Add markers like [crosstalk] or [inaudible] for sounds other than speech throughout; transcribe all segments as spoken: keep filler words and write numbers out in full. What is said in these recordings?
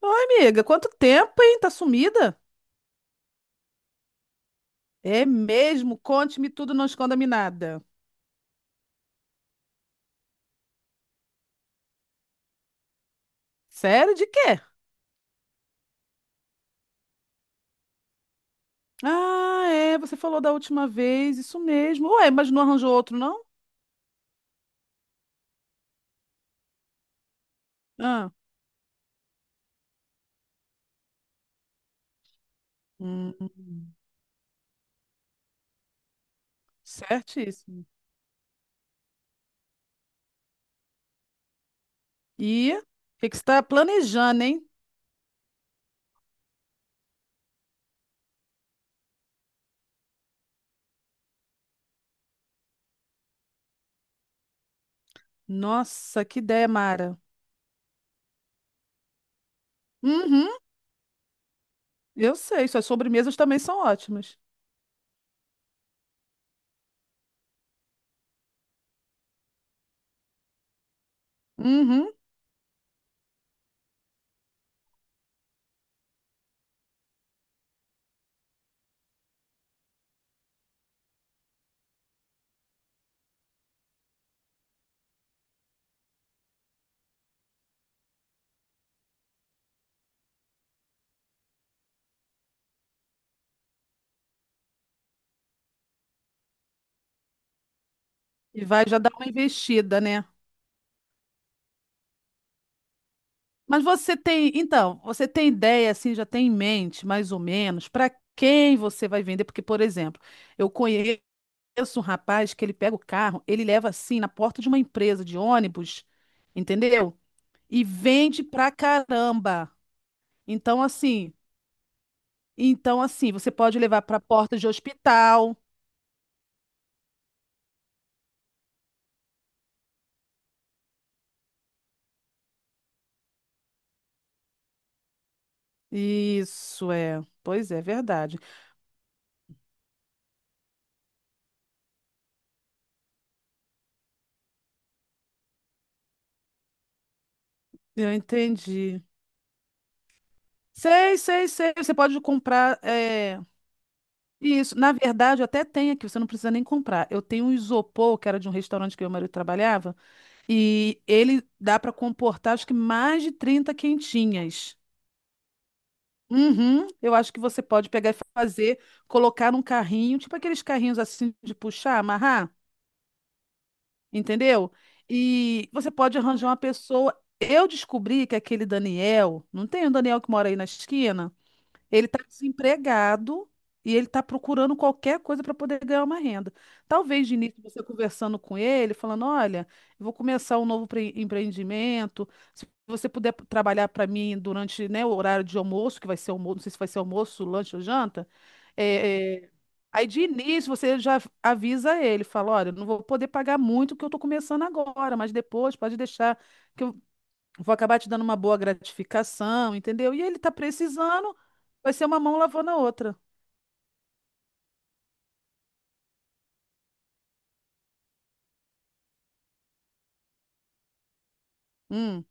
Oi, amiga, quanto tempo, hein? Tá sumida? É mesmo? Conte-me tudo, não esconda-me nada. Sério, de quê? Ah, é, você falou da última vez, isso mesmo. Ué, mas não arranjou outro, não? Ah, hum, certíssimo. E o que que você está planejando, hein? Nossa, que ideia, Mara. Uhum, eu sei, suas sobremesas também são ótimas. Uhum, e vai já dar uma investida, né? Mas você tem, então, você tem ideia, assim, já tem em mente, mais ou menos, para quem você vai vender? Porque, por exemplo, eu conheço um rapaz que ele pega o carro, ele leva assim na porta de uma empresa de ônibus, entendeu? E vende pra caramba. Então, assim, então assim, você pode levar pra porta de hospital. Isso é, pois é, é verdade. Eu entendi. Sei, sei, sei. Você pode comprar. É, isso, na verdade, eu até tenho aqui, você não precisa nem comprar. Eu tenho um isopor, que era de um restaurante que meu marido trabalhava, e ele dá para comportar acho que mais de trinta quentinhas. Uhum, eu acho que você pode pegar e fazer, colocar num carrinho, tipo aqueles carrinhos assim de puxar, amarrar, entendeu? E você pode arranjar uma pessoa. Eu descobri que aquele Daniel, não tem um Daniel que mora aí na esquina? Ele está desempregado e ele está procurando qualquer coisa para poder ganhar uma renda. Talvez de início você conversando com ele, falando: olha, eu vou começar um novo pre- empreendimento. Se você puder p- trabalhar para mim durante, né, o horário de almoço, que vai ser almoço, não sei se vai ser almoço, lanche ou janta. É, é, aí de início você já avisa ele, fala: olha, eu não vou poder pagar muito porque eu estou começando agora, mas depois pode deixar que eu vou acabar te dando uma boa gratificação, entendeu? E ele tá precisando, vai ser uma mão lavando a outra. Hum.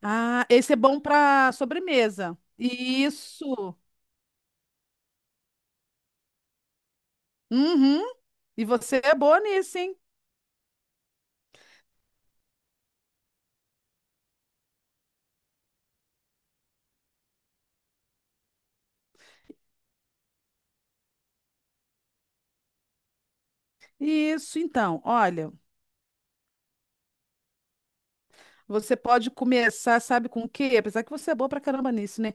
Ah, esse é bom para sobremesa. Isso. Uhum. E você é boa nisso, hein? Isso, então, olha, você pode começar, sabe com o quê? Apesar que você é boa pra caramba nisso, né?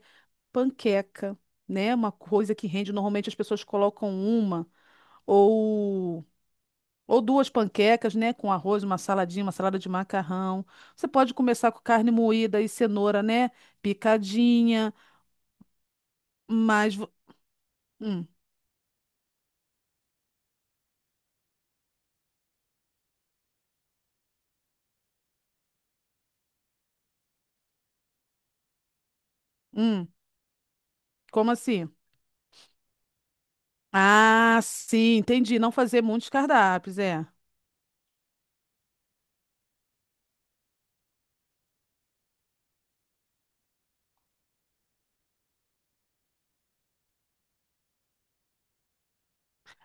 Panqueca, né? Uma coisa que rende, normalmente as pessoas colocam uma ou Ou duas panquecas, né? Com arroz, uma saladinha, uma salada de macarrão. Você pode começar com carne moída e cenoura, né? Picadinha. Mas. vo- Hum, hum, como assim? Ah, sim, entendi. Não fazer muitos cardápios, é.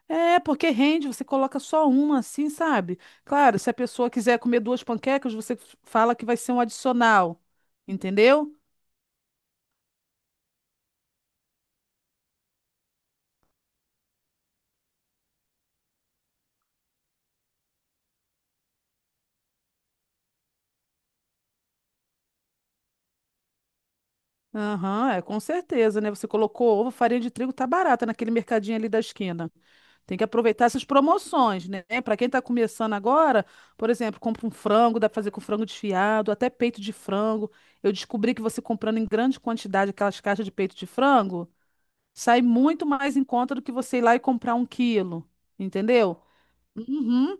É, porque rende, você coloca só uma, assim, sabe? Claro, se a pessoa quiser comer duas panquecas, você f- fala que vai ser um adicional. Entendeu? Aham, é, com certeza, né? Você colocou ovo, farinha de trigo, tá barata naquele mercadinho ali da esquina. Tem que aproveitar essas promoções, né? Para quem está começando agora, por exemplo, compra um frango, dá para fazer com frango desfiado, até peito de frango. Eu descobri que você comprando em grande quantidade aquelas caixas de peito de frango, sai muito mais em conta do que você ir lá e comprar um quilo, entendeu? Uhum.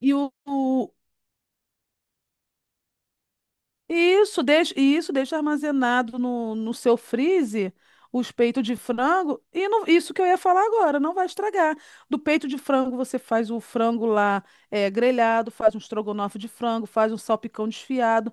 E o, o, isso, deixa, e isso deixa armazenado no, no, seu freezer os peitos de frango. E não- isso que eu ia falar agora, não vai estragar. Do peito de frango, você faz o frango lá é, grelhado, faz um estrogonofe de frango, faz um salpicão desfiado.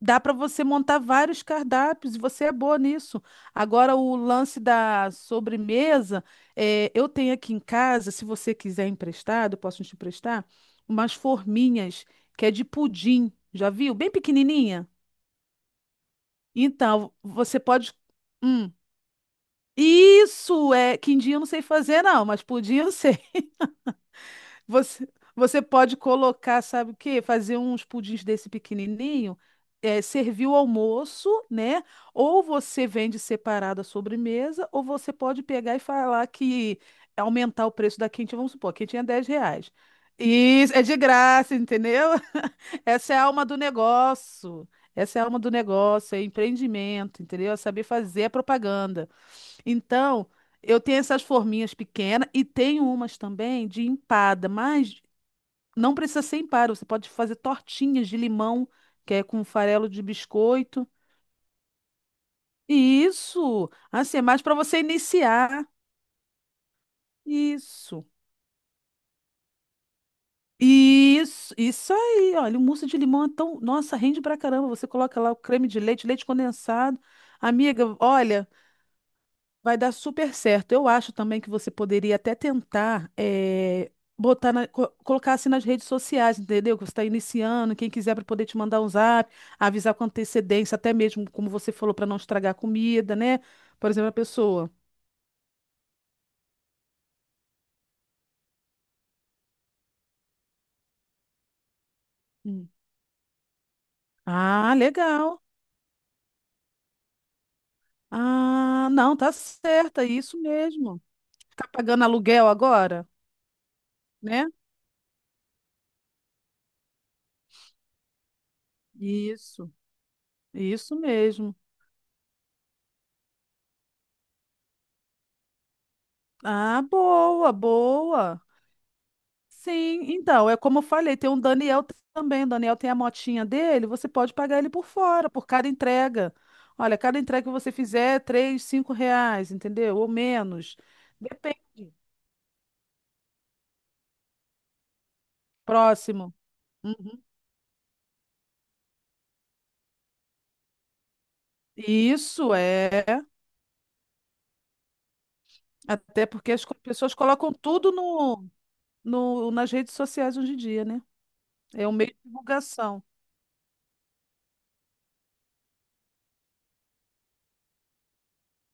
Dá para você montar vários cardápios e você é boa nisso. Agora, o lance da sobremesa, é, eu tenho aqui em casa, se você quiser emprestado, eu posso te emprestar, umas forminhas que é de pudim. Já viu? Bem pequenininha. Então, você pode. Hum. Isso é. Quindim eu não sei fazer, não, mas pudim eu sei. Você, você pode colocar, sabe o quê? Fazer uns pudins desse pequenininho, é, servir o almoço, né? Ou você vende separado a sobremesa, ou você pode pegar e falar que aumentar o preço da quentinha, vamos supor, a quentinha é dez reais. Isso, é de graça, entendeu? [laughs] Essa é a alma do negócio. Essa é a alma do negócio, é empreendimento, entendeu? É saber fazer a propaganda. Então, eu tenho essas forminhas pequenas e tenho umas também de empada, mas não precisa ser empada, você pode fazer tortinhas de limão, que é com farelo de biscoito. Isso, assim, é mais para você iniciar. Isso. Isso, isso aí, olha, o mousse de limão é tão, nossa, rende pra caramba. Você coloca lá o creme de leite, leite condensado. Amiga, olha, vai dar super certo. Eu acho também que você poderia até tentar eh, botar na- co- colocar assim nas redes sociais, entendeu? Que você está iniciando, quem quiser para poder te mandar um zap, avisar com antecedência, até mesmo, como você falou, para não estragar a comida, né? Por exemplo, a pessoa. Hum. Ah, legal. Ah, não, tá certa, é isso mesmo. Tá pagando aluguel agora, né? Isso, isso mesmo. Ah, boa, boa. Sim, então, é como eu falei, tem um Daniel também, o Daniel tem a motinha dele, você pode pagar ele por fora, por cada entrega. Olha, cada entrega que você fizer é três, cinco reais, entendeu? Ou menos. Depende. Próximo. Uhum. Isso é, até porque as co- pessoas colocam tudo no, no, nas redes sociais hoje em dia, né? É um meio de divulgação.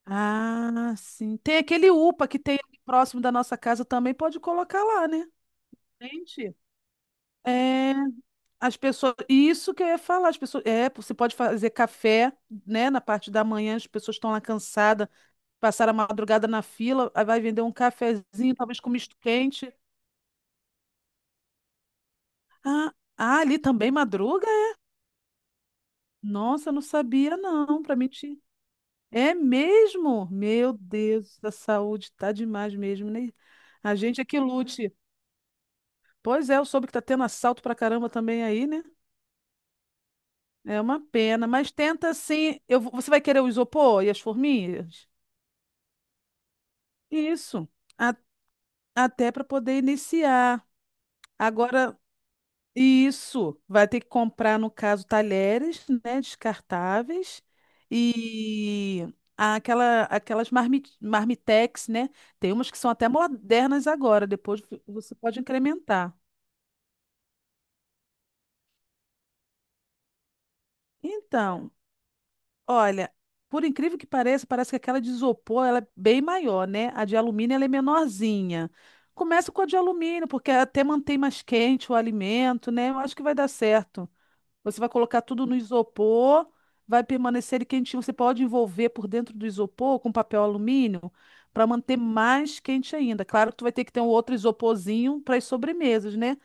Ah, sim. Tem aquele UPA que tem ali próximo da nossa casa também, pode colocar lá, né? Gente. É. As pessoas, e isso que eu ia falar, as pessoas, é, você pode fazer café, né, na parte da manhã, as pessoas estão lá cansadas, passaram a madrugada na fila, aí vai vender um cafezinho, talvez com misto quente. Ah, ah, ali também madruga? É? Nossa, não sabia não, para mim. É mesmo? Meu Deus, a saúde tá demais mesmo, né? A gente é que lute. Pois é, eu soube que tá tendo assalto pra caramba também aí, né? É uma pena, mas tenta sim. Eu, vou- você vai querer o isopor e as forminhas? Isso, a- até para poder iniciar. Agora, isso, vai ter que comprar, no caso, talheres, né, descartáveis e aquela, aquelas marmi, marmitex, né? Tem umas que são até modernas agora, depois vo- você pode incrementar. Então, olha, por incrível que pareça, parece que aquela de isopor ela é bem maior, né? A de alumínio ela é menorzinha. Começa com a de alumínio, porque até mantém mais quente o alimento, né? Eu acho que vai dar certo. Você vai colocar tudo no isopor, vai permanecer ele quentinho. Você pode envolver por dentro do isopor com papel alumínio para manter mais quente ainda. Claro que tu vai ter que ter um outro isoporzinho para as sobremesas, né?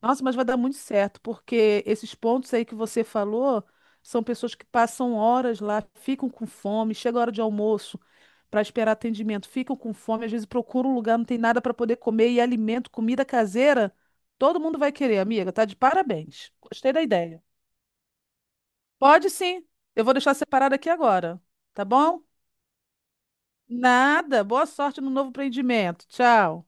Nossa, mas vai dar muito certo, porque esses pontos aí que você falou são pessoas que passam horas lá, ficam com fome, chega a hora de almoço para esperar atendimento, ficam com fome, às vezes procuram um lugar, não tem nada para poder comer e alimento, comida caseira, todo mundo vai querer, amiga, tá de parabéns. Gostei da ideia. Pode sim. Eu vou deixar separado aqui agora, tá bom? Nada. Boa sorte no novo empreendimento. Tchau.